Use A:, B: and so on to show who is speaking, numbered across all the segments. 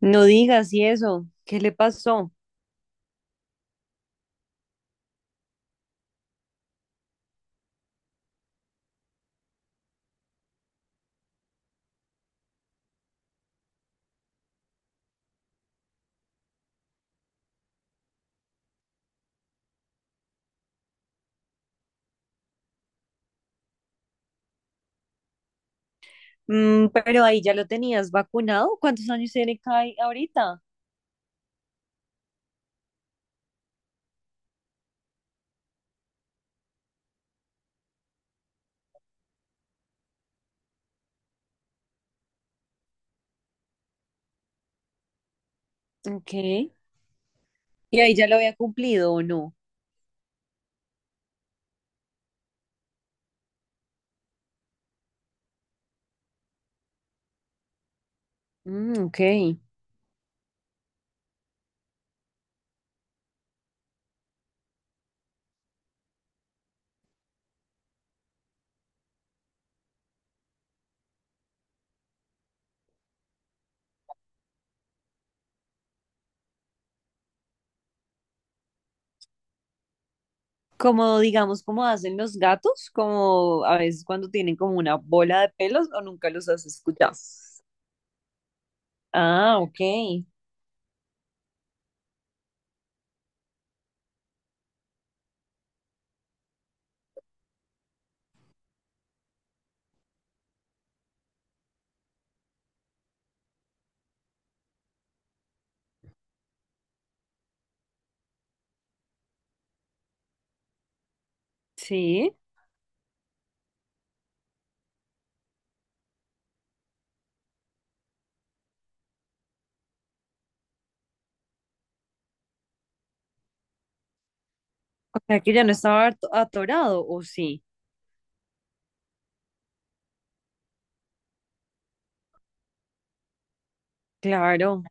A: No digas y eso, ¿qué le pasó? Mm, pero ahí ya lo tenías vacunado. ¿Cuántos años tiene Kai ahorita? Ok. ¿Y ahí ya lo había cumplido o no? Mm, ok. Como digamos, como hacen los gatos, como a veces cuando tienen como una bola de pelos o nunca los has escuchado. Ah, ok. Sí. O sea que ya no estaba atorado, ¿o sí? Claro.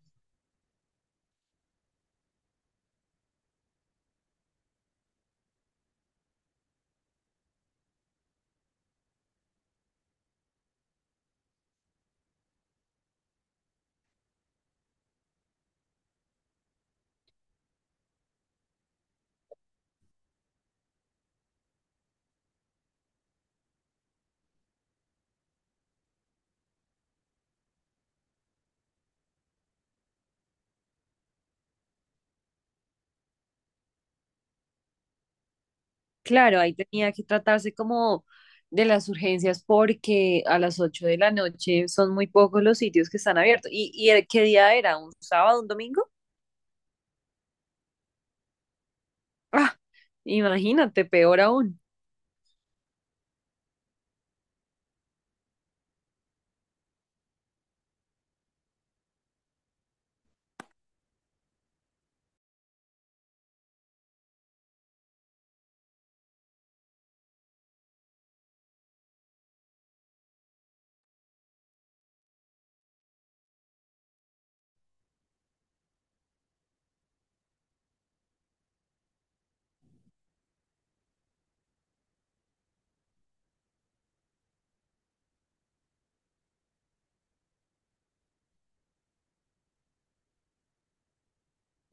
A: Claro, ahí tenía que tratarse como de las urgencias porque a las 8 de la noche son muy pocos los sitios que están abiertos. Y qué día era? ¿Un sábado, un domingo? Ah, imagínate, peor aún.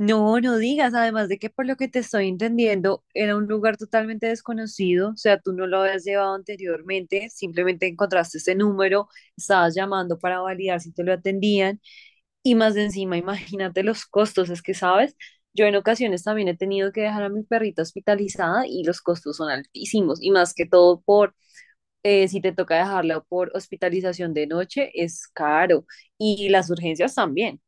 A: No, no digas, además de que por lo que te estoy entendiendo, era un lugar totalmente desconocido, o sea, tú no lo habías llevado anteriormente, simplemente encontraste ese número, estabas llamando para validar si te lo atendían. Y más de encima, imagínate los costos, es que, ¿sabes? Yo en ocasiones también he tenido que dejar a mi perrita hospitalizada y los costos son altísimos. Y más que todo por, si te toca dejarla por hospitalización de noche, es caro. Y las urgencias también.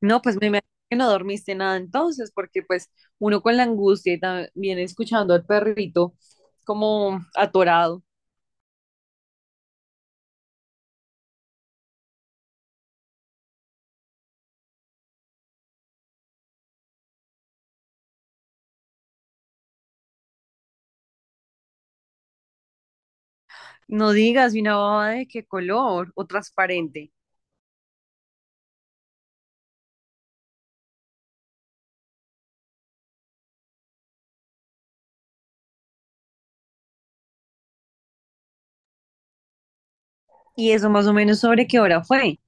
A: No, pues me imagino que no dormiste nada entonces, porque pues uno con la angustia y también escuchando al perrito como atorado. No digas, ¿y una baba de qué color o transparente? Y eso más o menos sobre qué hora fue.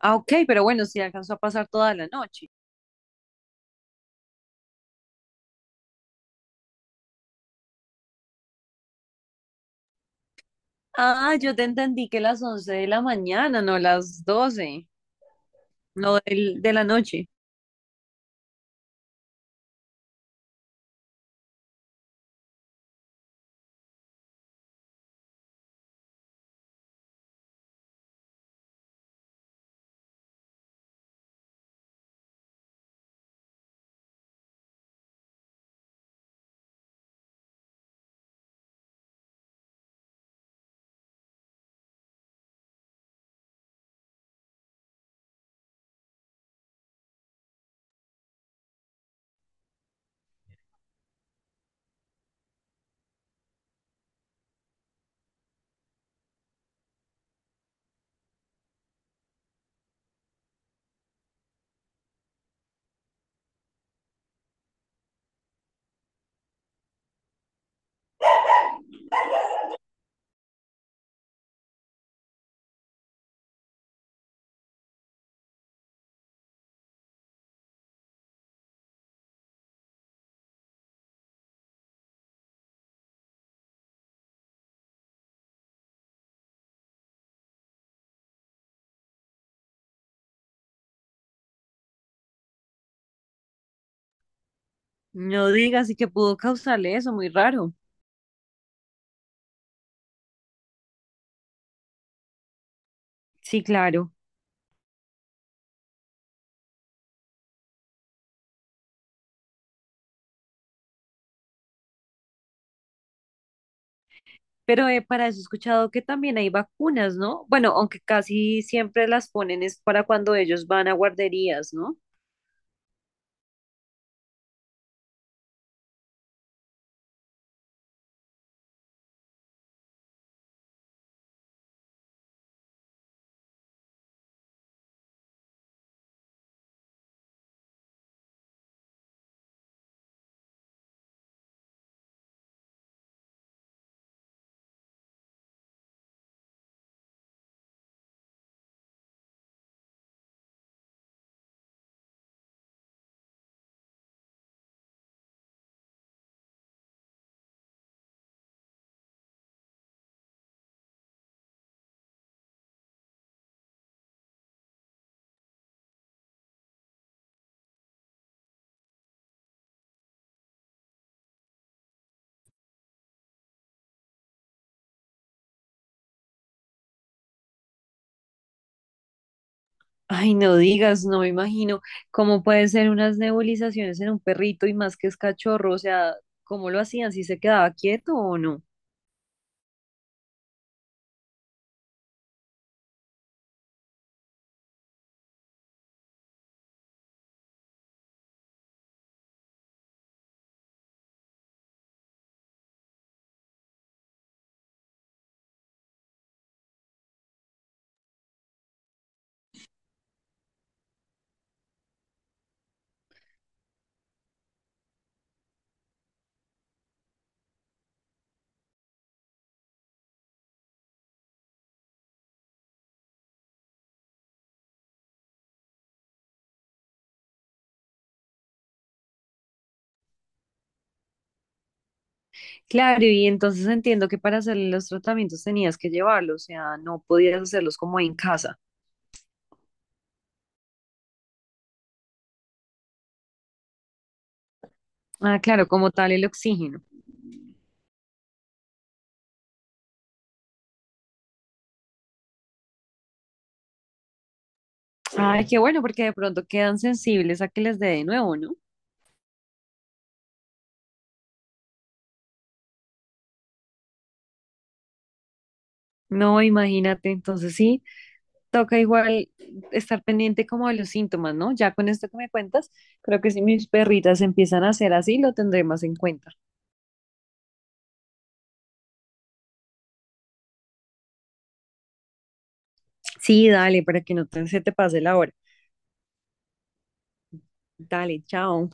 A: Ah, ok, pero bueno, sí alcanzó a pasar toda la noche. Ah, yo te entendí que las 11 de la mañana, no las 12, no de la noche. No digas, y que pudo causarle eso, muy raro. Sí, claro. Pero para eso he escuchado que también hay vacunas, ¿no? Bueno, aunque casi siempre las ponen es para cuando ellos van a guarderías, ¿no? Ay, no digas, no me imagino cómo pueden ser unas nebulizaciones en un perrito y más que es cachorro, o sea, ¿cómo lo hacían? ¿Si se quedaba quieto o no? Claro, y entonces entiendo que para hacer los tratamientos tenías que llevarlos, o sea, no podías hacerlos como en casa. Ah, claro, como tal el oxígeno. Ay, qué bueno, porque de pronto quedan sensibles a que les dé de nuevo, ¿no? No, imagínate, entonces sí, toca igual estar pendiente como de los síntomas, ¿no? Ya con esto que me cuentas, creo que si mis perritas empiezan a hacer así, lo tendré más en cuenta. Sí, dale, para que no se te pase la hora. Dale, chao.